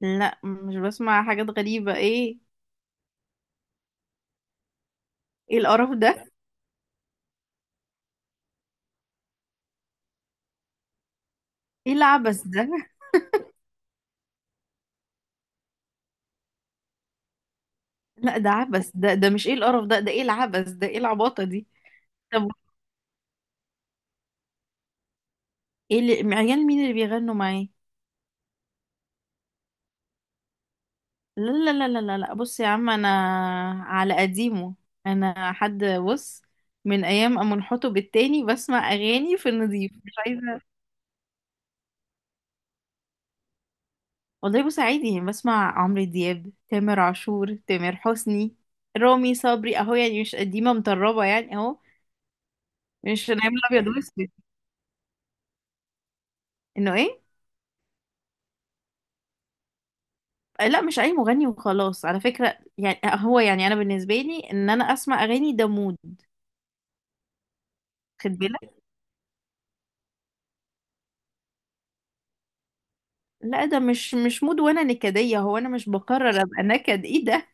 لا، مش بسمع حاجات غريبة. ايه؟ ايه القرف ده؟ ايه العبث ده؟ لا، ده عبث. ده مش ايه القرف ده ده ايه العبث ده، ايه العباطة دي؟ طب ايه اللي عيال مين اللي بيغنوا معاه؟ لا لا لا لا لا لا، بص يا عم، انا على قديمه. انا حد بص، من ايام أما انحطوا التاني بسمع اغاني في النظيف، مش عايزة. والله بص، عادي يعني، بسمع عمرو دياب، تامر عاشور، تامر حسني، رامي صبري اهو، يعني مش قديمة مطربة يعني اهو. مش نعمل ابيض واسود انه ايه؟ لا، مش اي مغني وخلاص على فكرة، يعني هو يعني انا بالنسبة لي ان انا اسمع اغاني ده مود. خد بالك. لا ده مش مود وانا نكدية، هو انا مش بقرر ابقى نكد؟ ايه ده!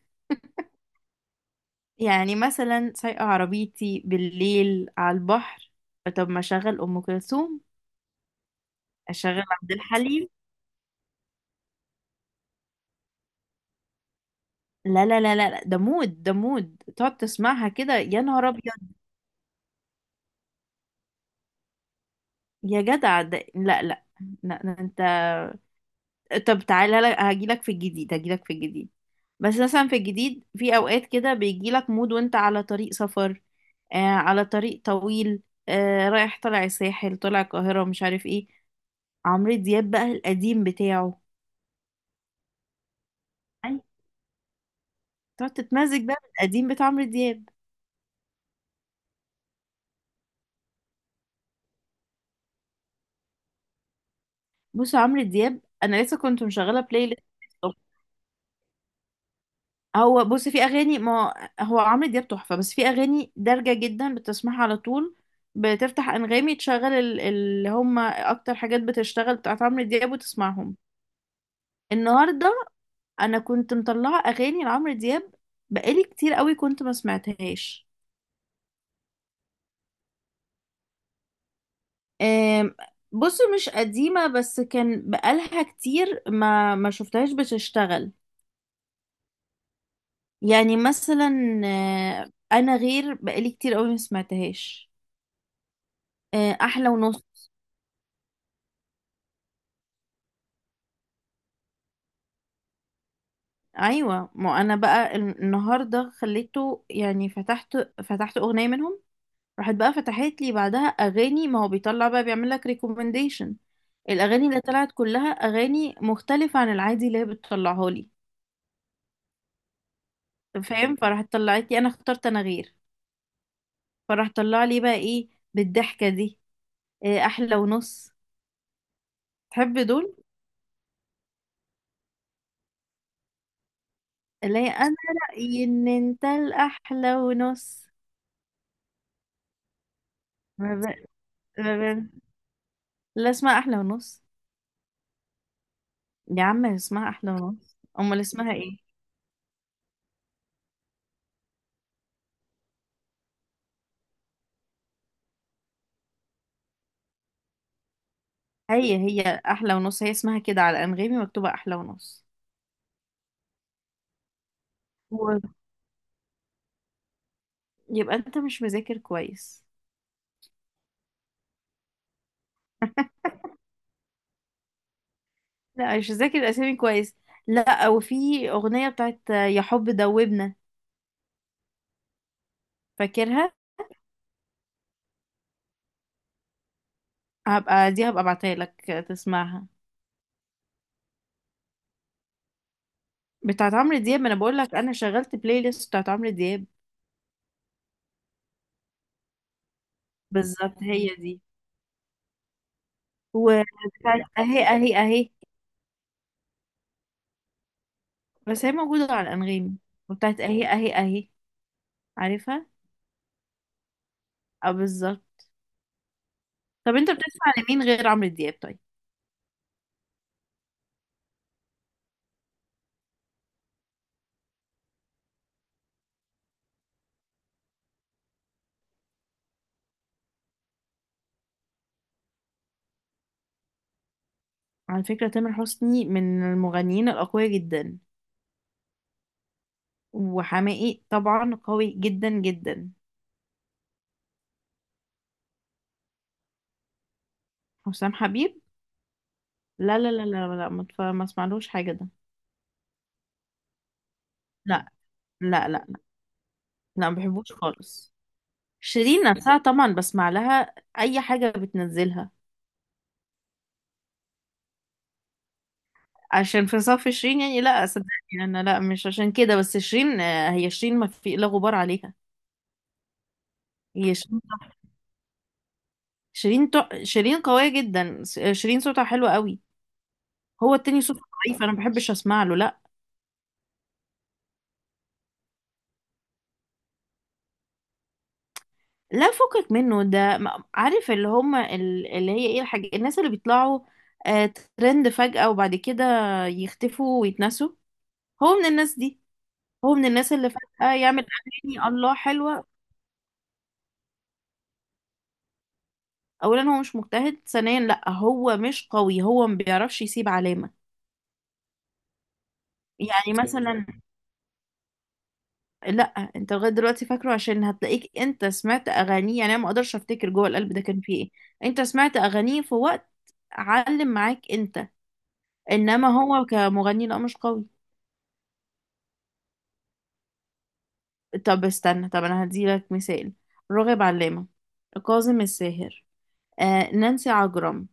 يعني مثلا سايقة عربيتي بالليل على البحر، طب ما اشغل ام كلثوم، اشغل عبد الحليم. لا لا لا لا لا، ده مود، ده مود، تقعد تسمعها كده يا نهار ابيض. يا جدع ده لا لا، لا، لا. طب تعالى لك، هجيلك في الجديد هجيلك في الجديد. بس مثلا في الجديد، في اوقات كده بيجيلك مود وانت على طريق سفر، آه، على طريق طويل، آه، رايح طالع الساحل، طالع القاهرة، مش عارف ايه، عمرو دياب بقى القديم بتاعه. أي، تقعد تتمزج بقى بالقديم بتاع عمرو دياب. بص، عمرو دياب انا لسه كنت مشغلة بلاي ليست. هو بص، في اغاني ما، هو عمرو دياب تحفه، بس في اغاني دارجه جدا بتسمعها على طول، بتفتح انغامي، تشغل اللي هم اكتر حاجات بتشتغل بتاعت عمرو دياب وتسمعهم. النهارده انا كنت مطلعه اغاني لعمرو دياب، بقالي كتير قوي كنت ما سمعتهاش. آم، بص مش قديمه، بس كان بقالها كتير ما شفتهاش بتشتغل، يعني مثلا، آه، انا غير، بقالي كتير قوي ما سمعتهاش، آه، احلى ونص. ايوه، ما انا بقى النهارده خليته يعني، فتحت اغنيه منهم، راحت بقى فتحت لي بعدها اغاني، ما هو بيطلع بقى بيعمل لك ريكومنديشن. الاغاني اللي طلعت كلها اغاني مختلفه عن العادي اللي هي بتطلعها لي، فاهم؟ فراحت طلعت لي انا اخترت انا غير، فراح طلع لي بقى ايه، بالضحكه دي، إيه احلى ونص. تحب دول؟ اللي هي انا رايي ان انت الاحلى ونص. ما ب... ما ب... لا، اسمها احلى ونص. يا عم، اسمها احلى ونص، امال اسمها ايه؟ هي احلى ونص، هي اسمها كده على انغامي، مكتوبه احلى ونص. و- يبقى انت مش مذاكر كويس، لا مش مذاكر الاسامي كويس. لا، وفي اغنيه بتاعت يا حب دوبنا، فاكرها؟ هبقى ابعتها لك تسمعها، بتاعت عمرو دياب، ما انا بقول لك انا شغلت بلاي ليست بتاعت عمرو دياب. بالظبط هي دي. وبتاعت اهي اهي اهي، بس هي موجوده على انغامي. وبتاعت اهي اهي اهي، عارفها؟ اه، بالظبط. طب انت بتسمع لمين غير عمرو دياب طيب؟ على فكرة تامر حسني من المغنيين الأقوياء جدا، وحماقي طبعا قوي جدا جدا. حسام حبيب؟ لا لا لا لا لا، ما اسمعلوش حاجة ده. لا لا، لا لا، ما بحبوش خالص. شيرين نفسها طبعا بسمع لها أي حاجة بتنزلها، عشان في صف شيرين يعني؟ لا، صدقني أنا لا، مش عشان كده. بس شيرين، آه، هي شيرين ما في لا غبار عليها. هي شيرين، شيرين قوية جدا، شيرين صوتها حلو قوي. هو التاني صوته ضعيف، انا ما بحبش اسمع له، لا. لا فكك منه ده، عارف اللي هم اللي هي ايه الحاجة، الناس اللي بيطلعوا آه ترند فجأة وبعد كده يختفوا ويتنسوا، هو من الناس دي، هو من الناس اللي فجأة يعمل أغاني الله حلوة. أولا هو مش مجتهد، ثانيا لا، هو مش قوي، هو ما بيعرفش يسيب علامة. يعني مثلا، لا، انت لغاية دلوقتي فاكره عشان هتلاقيك انت سمعت أغانيه، يعني أنا ما أقدرش أفتكر جوه القلب ده كان فيه ايه. انت سمعت أغانيه في وقت علم معاك انت، انما هو كمغني لا، مش قوي. طب استنى، طب انا هديلك مثال، راغب علامة، كاظم الساهر، آه، نانسي عجرم،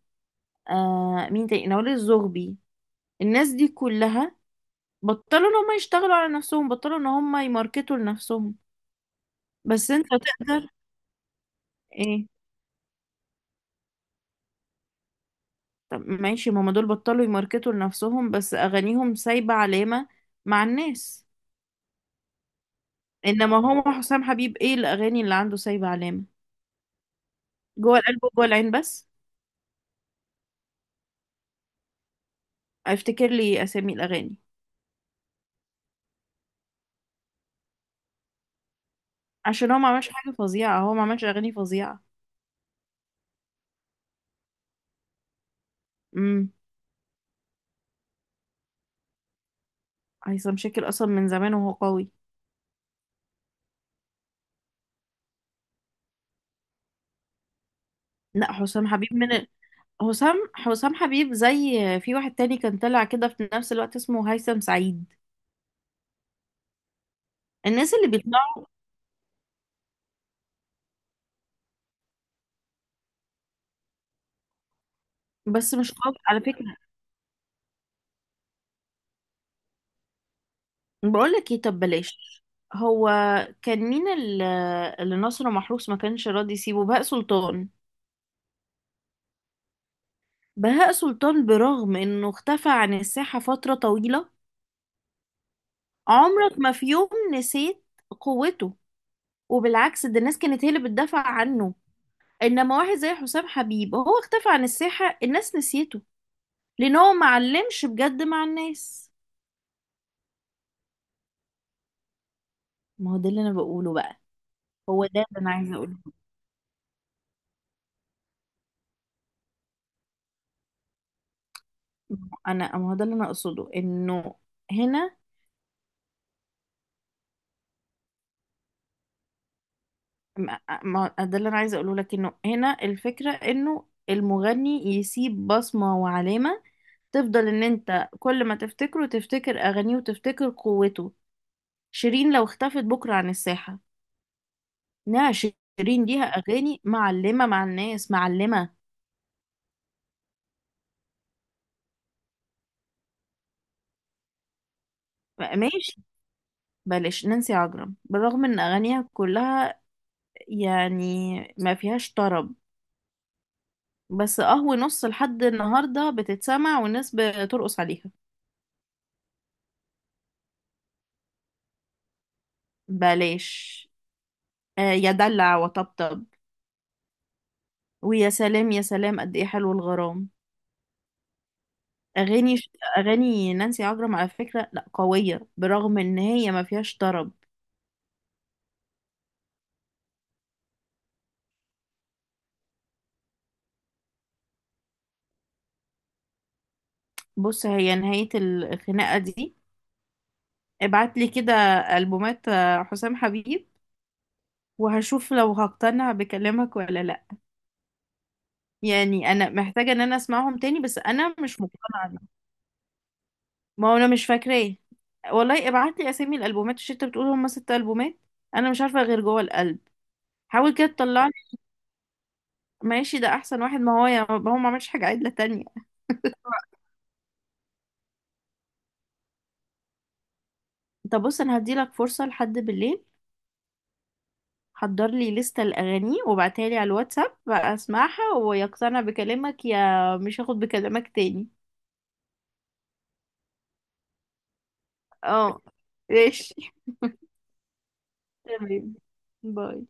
آه، مين تاني، نوال الزغبي، الناس دي كلها بطلوا ان هم يشتغلوا على نفسهم، بطلوا ان هم يماركتوا لنفسهم، بس انت تقدر. ايه؟ طب ماشي، ما هم دول بطلوا يماركتوا لنفسهم بس اغانيهم سايبة علامة مع الناس. انما هو حسام حبيب ايه الاغاني اللي عنده سايبة علامة؟ جوه القلب وجوه العين بس. افتكر لي اسامي الاغاني. عشان هو ما عملش حاجة فظيعة، هو ما عملش أغاني فظيعة. امم. هيثم شاكر أصلا من زمان وهو قوي. لا، حسام حبيب من حسام حبيب، زي في واحد تاني كان طلع كده في نفس الوقت اسمه هيثم سعيد، الناس اللي بيطلعوا، بس مش قوي على فكرة. بقول لك ايه، طب بلاش، هو كان مين اللي ناصر محروس ما كانش راضي يسيبه؟ بهاء سلطان. بهاء سلطان برغم انه اختفى عن الساحة فترة طويلة، عمرك ما في يوم نسيت قوته، وبالعكس ده الناس كانت هي اللي بتدافع عنه. انما واحد زي حسام حبيب هو اختفى عن الساحة الناس نسيته، لان هو ما علمش بجد مع الناس. ما هو ده اللي انا بقوله بقى، هو ده اللي انا عايزه اقوله، انا ما هو ده اللي انا اقصده انه هنا. ده اللي انا عايزه اقوله لك، انه هنا الفكرة، انه المغني يسيب بصمة وعلامة، تفضل ان انت كل ما تفتكره تفتكر اغانيه وتفتكر قوته. شيرين لو اختفت بكرة عن الساحة، انها شيرين، ليها اغاني معلمه مع الناس، معلمه. ماشي. بلاش نانسي عجرم، بالرغم ان اغانيها كلها يعني ما فيهاش طرب، بس قهوة نص لحد النهارده بتتسمع والناس بترقص عليها. بلاش آه يا دلع وطبطب، ويا سلام يا سلام قد ايه حلو الغرام. اغاني اغاني نانسي عجرم على فكره لا، قويه برغم ان هي ما فيهاش طرب. بص، هي نهايه الخناقه دي، ابعت لي كده ألبومات حسام حبيب، وهشوف لو هقتنع بكلامك ولا لا. يعني انا محتاجة ان انا اسمعهم تاني، بس انا مش مقتنعة بيهم. ما هو انا مش فاكراه، والله ابعت لي اسامي الالبومات. مش انت بتقول هم ست البومات؟ انا مش عارفة غير جوه القلب، حاول كده تطلعني. ماشي، ده احسن واحد، ما هو يا ما هو ما عملش حاجة عدلة تانية. طب بص، انا هديلك فرصة لحد بالليل، حضر لي لستة الأغاني وبعتها لي على الواتساب بقى، أسمعها ويقتنع بكلامك، يا مش هاخد بكلامك تاني. اه، ماشي. تمام، باي.